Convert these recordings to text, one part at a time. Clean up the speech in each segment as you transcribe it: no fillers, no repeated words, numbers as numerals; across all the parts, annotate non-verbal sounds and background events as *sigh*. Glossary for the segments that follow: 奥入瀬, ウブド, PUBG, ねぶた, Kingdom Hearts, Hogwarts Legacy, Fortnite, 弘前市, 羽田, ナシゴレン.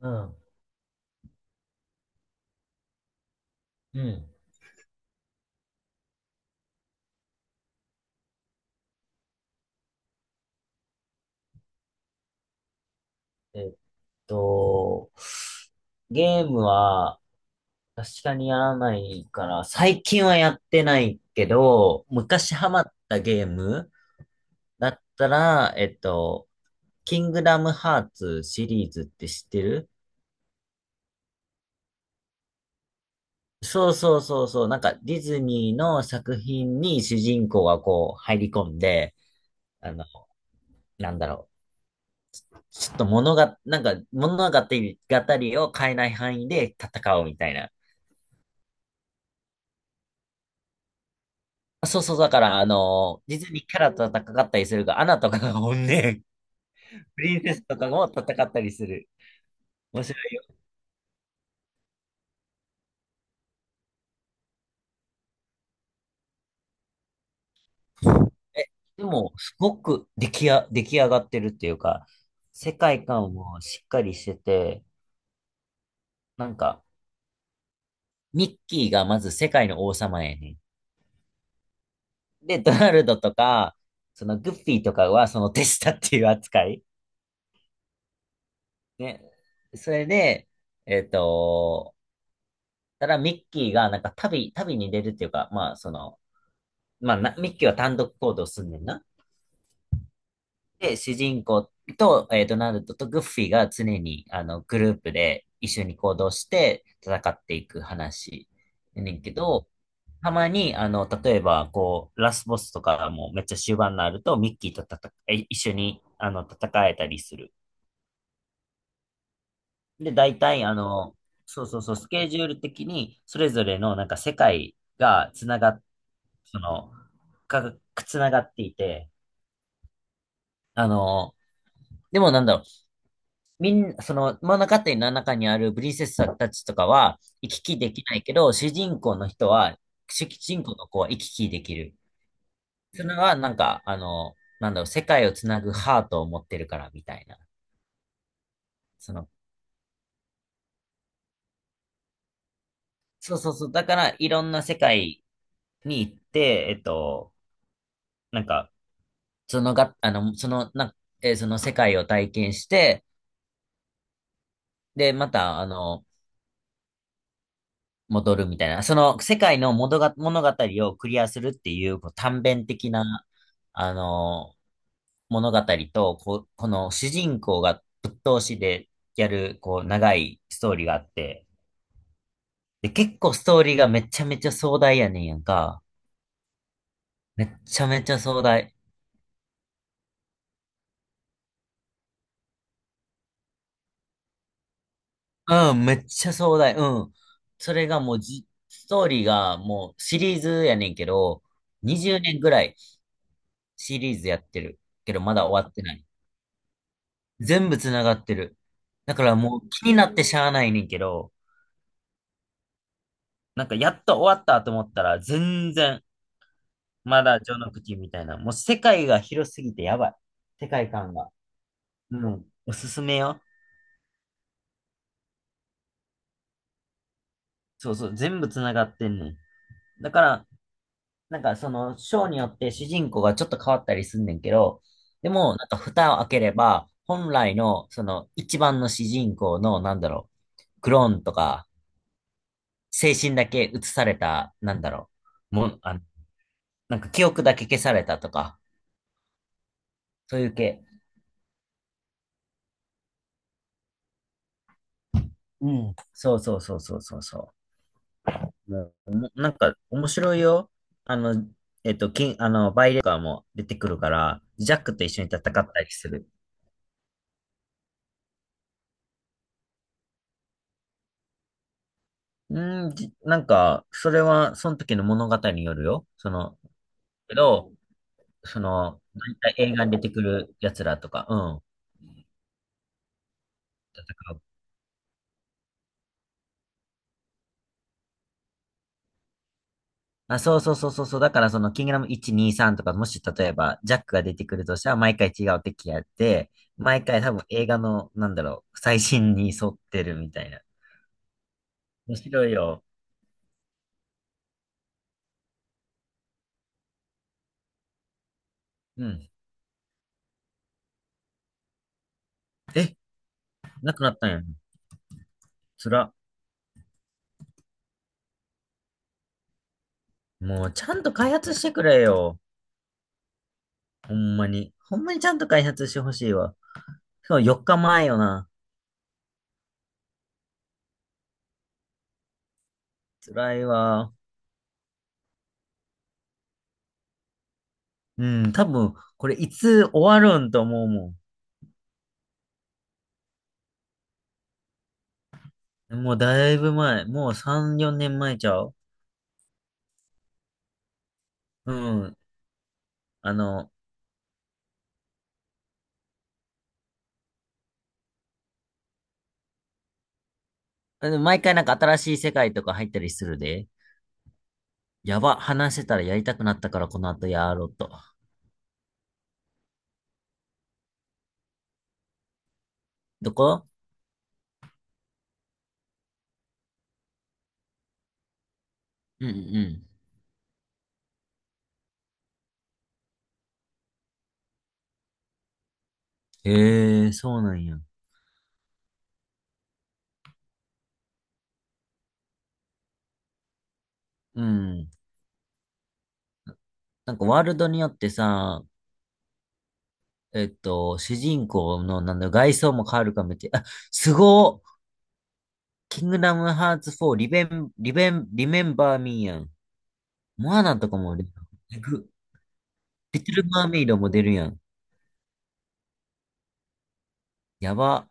うん。うん。えっと、ゲームは確かにやらないから、最近はやってないけど、昔ハマったゲームだったら、キングダムハーツシリーズって知ってる？そうそうそうそう、なんかディズニーの作品に主人公がこう入り込んで、あの、なんだろう。ちょっとなんか物語、語りを変えない範囲で戦うみたいな。あそうそう、だから、実にキャラと戦ったりするが、アナとかが本ね、*laughs* プリンセスとかも戦ったりする。面白いよ。え、でも、すごく出来上がってるっていうか、世界観もしっかりしてて、なんか、ミッキーがまず世界の王様やねん。で、ドナルドとか、そのグッフィーとかはその手下っていう扱い。ね。それで、えっと、ただミッキーがなんか旅に出るっていうか、まあ、まあな、ミッキーは単独行動すんねんな。で、主人公と、ドナルドとグッフィーが常に、グループで一緒に行動して戦っていく話やねんけど、たまに、例えば、こう、ラスボスとかもめっちゃ終盤になると、ミッキーと一緒に、戦えたりする。で、大体、そうそうそう、スケジュール的に、それぞれの、なんか、世界がその、が、つながっていて、あの、でもなんだろう、その物語の中にあるプリンセスたちとかは行き来できないけど、主人公の子は行き来できる。それはなんか、なんだろう、世界をつなぐハートを持ってるからみたいな。その、そうそうそう。だから、いろんな世界に行って、なんか、そのが、あの、その、な、えーその世界を体験して、で、また、戻るみたいな。その世界の物語をクリアするっていう、こう短編的な、あの、物語と、こう、この主人公がぶっ通しでやる、こう、長いストーリーがあって、で、結構ストーリーがめちゃめちゃ壮大やねんやんか。めっちゃめちゃ壮大。うん、めっちゃ壮大。うん。それがもうじ、ストーリーがもうシリーズやねんけど、20年ぐらいシリーズやってるけど、まだ終わってない。全部繋がってる。だからもう気になってしゃあないねんけど、なんかやっと終わったと思ったら、全然、まだ序の口みたいな。もう世界が広すぎてやばい。世界観が。うん。おすすめよ。そうそう。全部繋がってんねん。だから、なんかその、章によって主人公がちょっと変わったりすんねんけど、でも、なんか蓋を開ければ、本来の、その、一番の主人公の、なんだろう、クローンとか、精神だけ移された、なんだろう、もう、なんか記憶だけ消されたとか、そういう系。うん。そうそうそうそうそうそう。もう、なんか面白いよ。あの、えっと、金、あの、バイレーカーも出てくるから、ジャックと一緒に戦ったりする。うん、なんか、それは、その時の物語によるよ。けど、その、大体映画に出てくる奴らとか、うん、戦う。あ、そうそうそうそうそう。だからその、キングダム1、2、3とか、もし例えば、ジャックが出てくるとしたら、毎回違う敵やって、毎回多分映画の、なんだろう、最新に沿ってるみたいな。面白いよ。うん。え、なくなったんや。つら。もう、ちゃんと開発してくれよ。ほんまに。ほんまにちゃんと開発してほしいわ。そう、4日前よな。つらいわ。うん、多分、これいつ終わるんと思うもん。もうだいぶ前。もう3、4年前ちゃう？うん。あの、でも毎回なんか新しい世界とか入ったりするで。やば、話してたらやりたくなったからこの後やろうと。どこ？うんうんうん。へえ、そうなんや。うん。なんかワールドによってさ、主人公のなんだ、外装も変わるかもって。あ、すごっ。キングダムハーツ4、リメンバーミーやん。モアナとかも出る。えぐ。リトルマーメイドも出るやん。やば。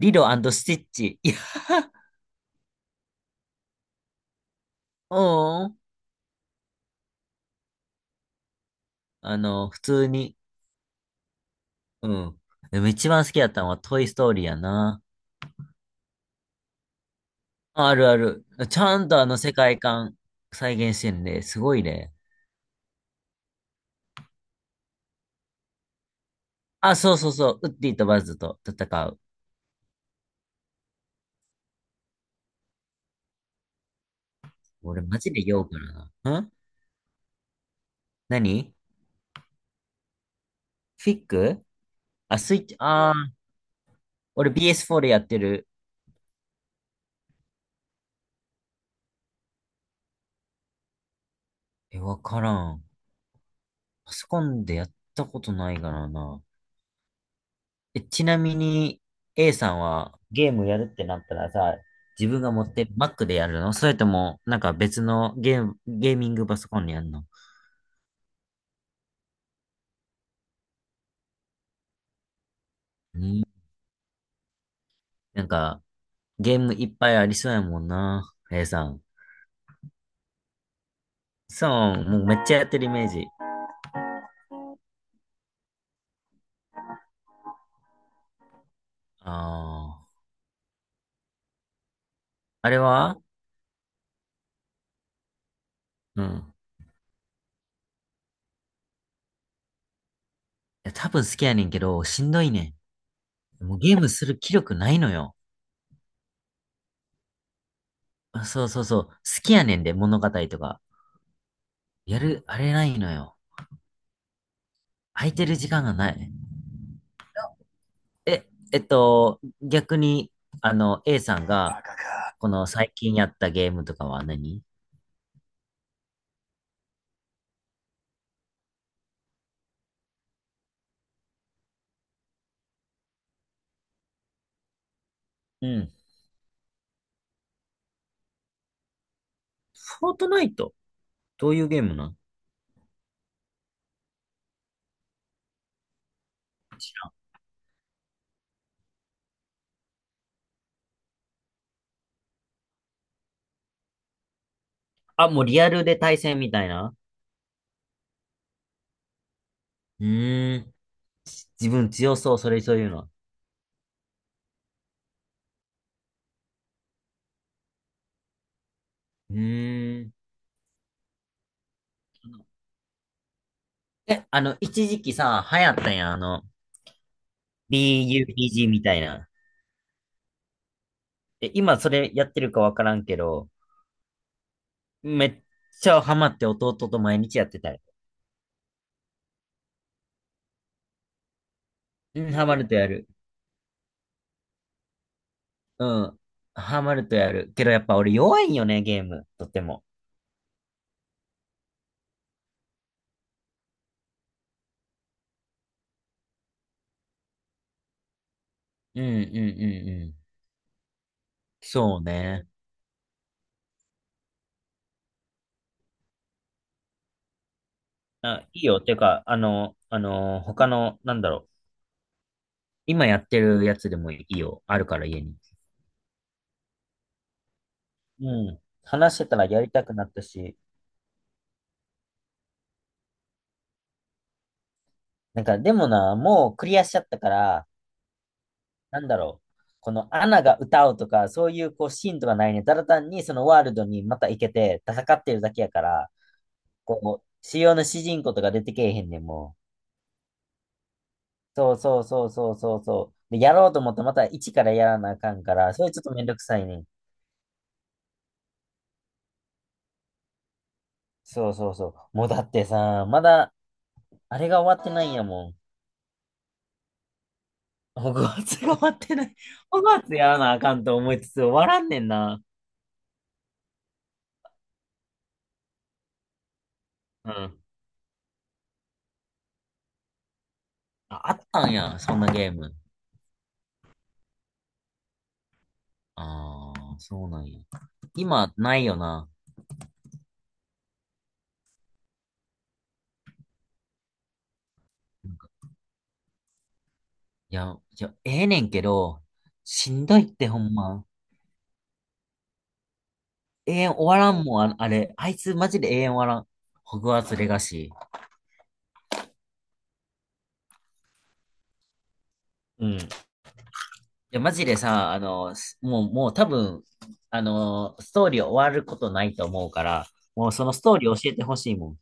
リロスティッチ。いや、おーん。普通に。うん。でも一番好きだったのはトイストーリーやな。あるある。ちゃんとあの世界観再現してんで、すごいね。あ、そうそうそう。ウッディとバズと戦う。俺マジで酔うからな。ん。何？フィックあ、スイッチ。ああ、俺 BS4 でやってる。え、わからん。パソコンでやったことないからな。ちなみに、A さんはゲームやるってなったらさ、自分が持ってる Mac でやるの？それとも、なんか別のゲーミングパソコンにやるの？うん、なんか、ゲームいっぱいありそうやもんな、A さん。そう、もうめっちゃやってるイメージ。ああ。あれはうん。いや、多分好きやねんけど、しんどいねん。もうゲームする気力ないのよ。あそうそうそう。好きやねんで、物語とか。あれないのよ。空いてる時間がない。え、逆に、A さんが、この最近やったゲームとかは何？うん。フォートナイト？どういうゲームなん？あ、もうリアルで対戦みたいな？うーん。自分強そう、それそういうの。うーん。え、一時期さ、流行ったやん、BUPG みたいな。え、今それやってるかわからんけど、めっちゃハマって弟と毎日やってたよ。うん、ハマるとやる。うん。ハマるとやる。けどやっぱ俺弱いんよね、ゲーム。とっても。うんうんうんうん。そうね。あ、いいよ。ていうか、他の、なんだろう、今やってるやつでもいいよ。あるから家に。う。うん。話してたらやりたくなったし、なんか、でもな、もうクリアしちゃったから、なんだろう。このアナが歌うとか、そういうこうシーンとかないね。ただ単にそのワールドにまた行けて戦ってるだけやから、こう、主要の主人公とか出てけえへんねんもう。そうそうそうそうそうそう。で、やろうと思ったらまた一からやらなあかんから、それちょっとめんどくさいねん。そうそうそう。もうだってさ、まだ、あれが終わってないんやもん。ホグワーツが *laughs* 終わってない。ホグワーツやらなあかんと思いつつ終わらんねんな。うん。あ、あったんや、そんなゲーム。ああ、そうなんや。今、ないよな。いや、いや、ええねんけど、しんどいってほんま。永遠終わらんもん、あ、あれ。あいつマジで永遠終わらん。ホグワーツレガシー。うん。や、マジでさ、すもう、もう多分、ストーリー終わることないと思うから、もうそのストーリー教えてほしいもん。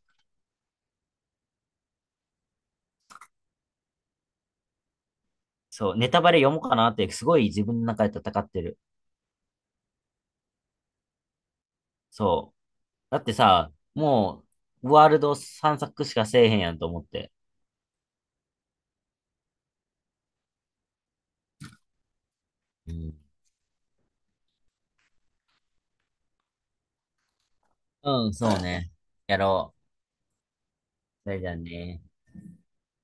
そう、ネタバレ読もうかなって、すごい自分の中で戦ってる。そう。だってさ、もう、ワールド散策しかせえへんやんと思って。うん、うん、そうね。やろう。それじゃあね。